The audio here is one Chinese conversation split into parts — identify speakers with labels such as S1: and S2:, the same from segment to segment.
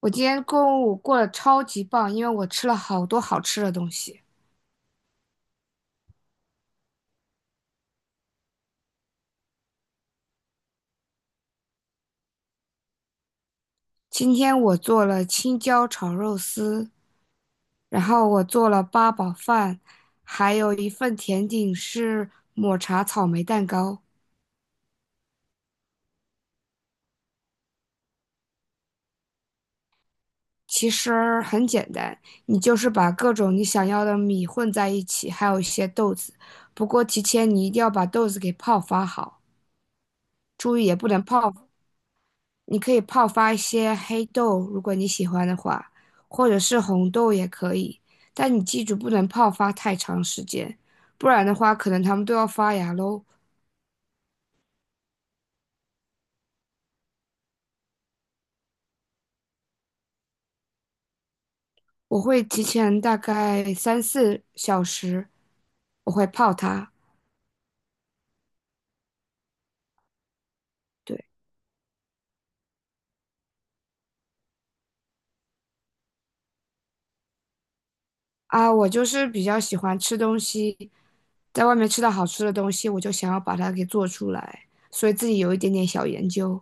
S1: 我今天中午过得超级棒，因为我吃了好多好吃的东西。今天我做了青椒炒肉丝，然后我做了八宝饭，还有一份甜点是抹茶草莓蛋糕。其实很简单，你就是把各种你想要的米混在一起，还有一些豆子。不过提前你一定要把豆子给泡发好，注意也不能泡。你可以泡发一些黑豆，如果你喜欢的话，或者是红豆也可以。但你记住，不能泡发太长时间，不然的话，可能它们都要发芽喽。我会提前大概3、4小时，我会泡它。对啊，我就是比较喜欢吃东西，在外面吃到好吃的东西，我就想要把它给做出来，所以自己有一点点小研究。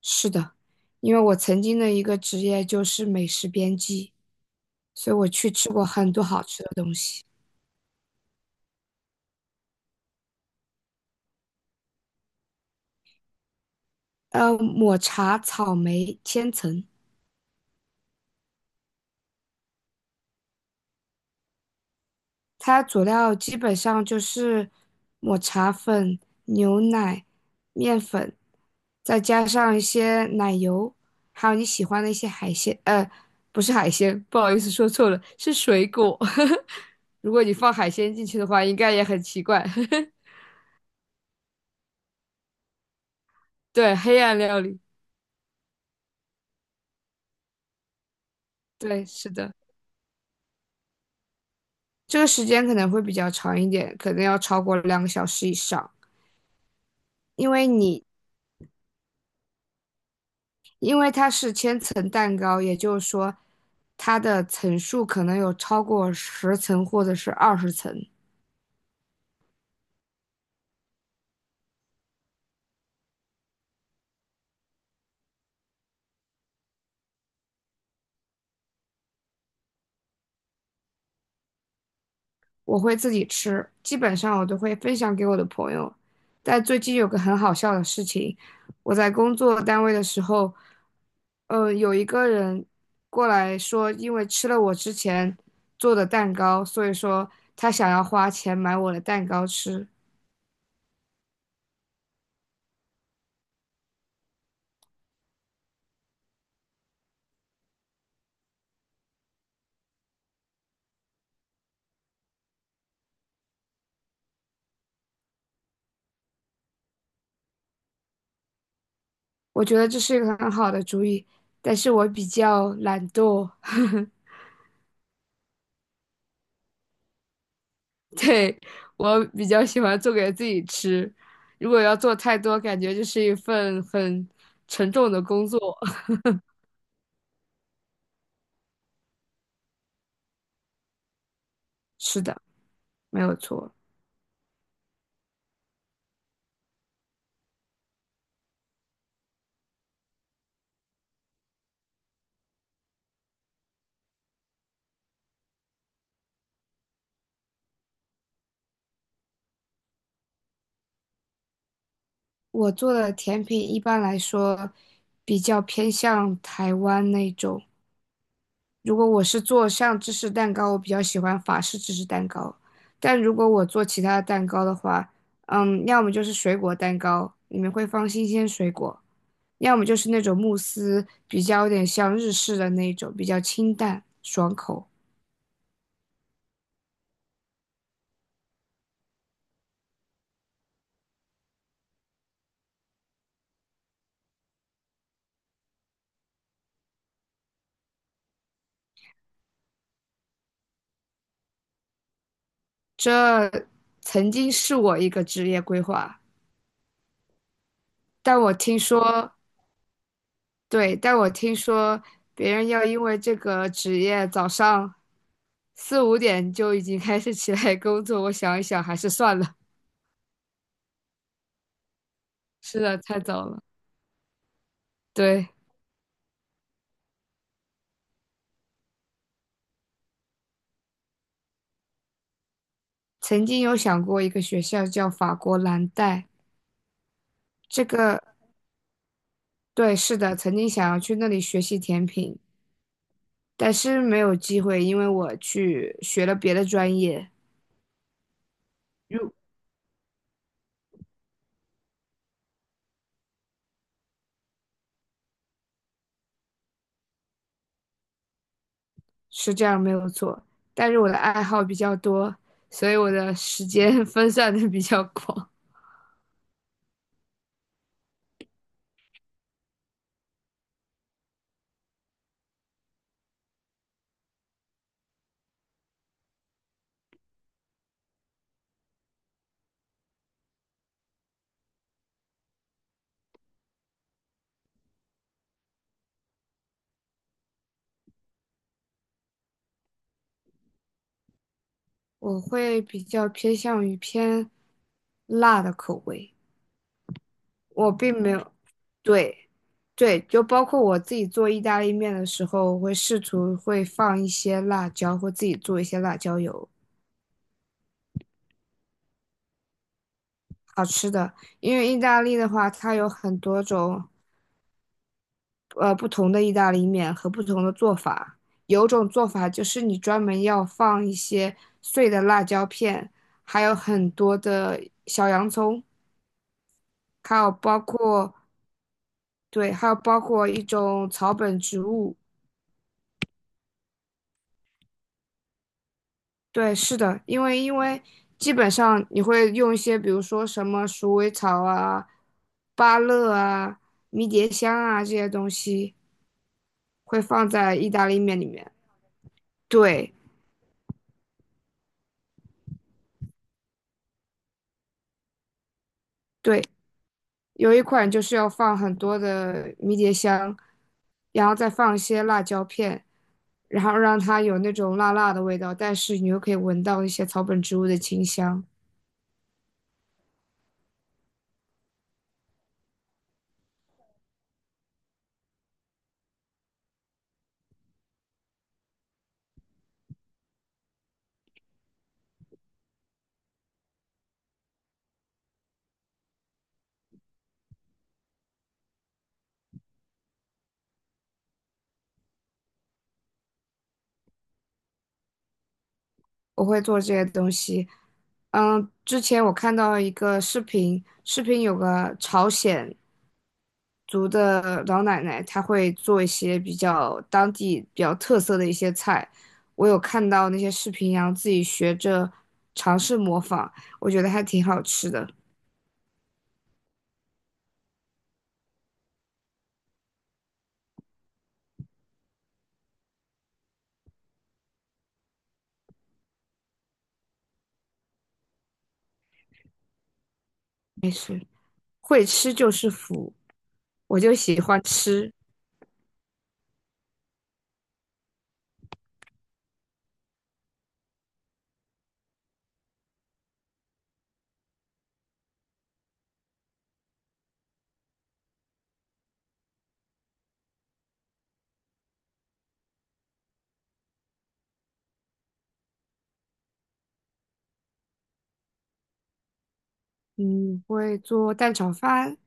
S1: 是的，因为我曾经的一个职业就是美食编辑。所以我去吃过很多好吃的东西。抹茶草莓千层，它佐料基本上就是抹茶粉、牛奶、面粉，再加上一些奶油，还有你喜欢的一些海鲜。不是海鲜，不好意思说错了，是水果。如果你放海鲜进去的话，应该也很奇怪。对，黑暗料理，对，是的，这个时间可能会比较长一点，可能要超过2个小时以上。因为你因为它是千层蛋糕，也就是说它的层数可能有超过十层或者是20层。我会自己吃，基本上我都会分享给我的朋友。但最近有个很好笑的事情，我在工作单位的时候，有一个人过来说，因为吃了我之前做的蛋糕，所以说他想要花钱买我的蛋糕吃。我觉得这是一个很好的主意，但是我比较懒惰，对，我比较喜欢做给自己吃。如果要做太多，感觉就是一份很沉重的工作。是的，没有错。我做的甜品一般来说比较偏向台湾那种，如果我是做像芝士蛋糕，我比较喜欢法式芝士蛋糕。但如果我做其他的蛋糕的话，嗯，要么就是水果蛋糕，里面会放新鲜水果；要么就是那种慕斯，比较有点像日式的那种，比较清淡爽口。这曾经是我一个职业规划，但我听说对，但我听说别人要因为这个职业早上4、5点就已经开始起来工作，我想一想还是算了，是的，太早了。对，曾经有想过一个学校叫法国蓝带，这个对，是的，曾经想要去那里学习甜品，但是没有机会，因为我去学了别的专业，是这样没有错。但是我的爱好比较多，所以我的时间 分散的比较广。我会比较偏向于偏辣的口味，我并没有，对，对，就包括我自己做意大利面的时候，我会试图会放一些辣椒，或自己做一些辣椒油，好吃的。因为意大利的话，它有很多种不同的意大利面和不同的做法，有种做法就是你专门要放一些碎的辣椒片，还有很多的小洋葱。还有包括对，还有包括一种草本植物，对，是的，因为基本上你会用一些，比如说什么鼠尾草啊、芭乐啊、迷迭香啊这些东西，会放在意大利面里面。对，对，有一款就是要放很多的迷迭香，然后再放一些辣椒片，然后让它有那种辣辣的味道，但是你又可以闻到一些草本植物的清香。我会做这些东西。嗯，之前我看到一个视频，视频有个朝鲜族的老奶奶，她会做一些比较当地比较特色的一些菜。我有看到那些视频，然后自己学着尝试模仿，我觉得还挺好吃的。会吃就是福，我就喜欢吃。嗯，会做蛋炒饭、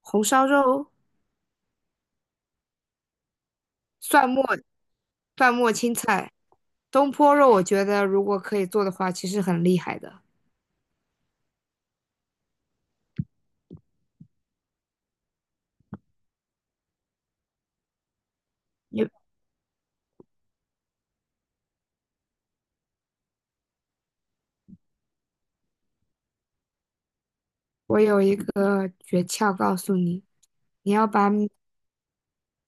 S1: 红烧肉。蒜末、蒜末青菜、东坡肉，我觉得如果可以做的话，其实很厉害的。有我有一个诀窍告诉你，你要把米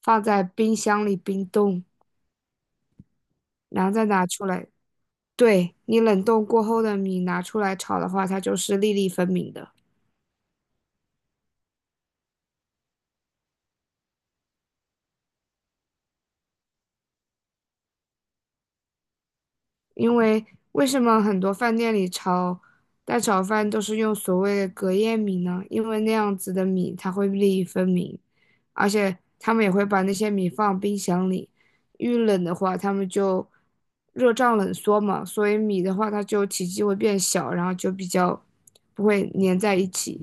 S1: 放在冰箱里冰冻，然后再拿出来。对，你冷冻过后的米拿出来炒的话，它就是粒粒分明的。因为为什么很多饭店里炒蛋炒饭都是用所谓的隔夜米呢？因为那样子的米它会粒粒分明，而且他们也会把那些米放冰箱里，遇冷的话他们就热胀冷缩嘛，所以米的话它就体积会变小，然后就比较不会粘在一起。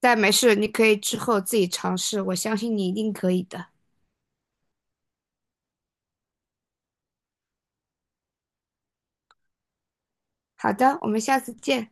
S1: 但没事，你可以之后自己尝试，我相信你一定可以的。好的，我们下次见。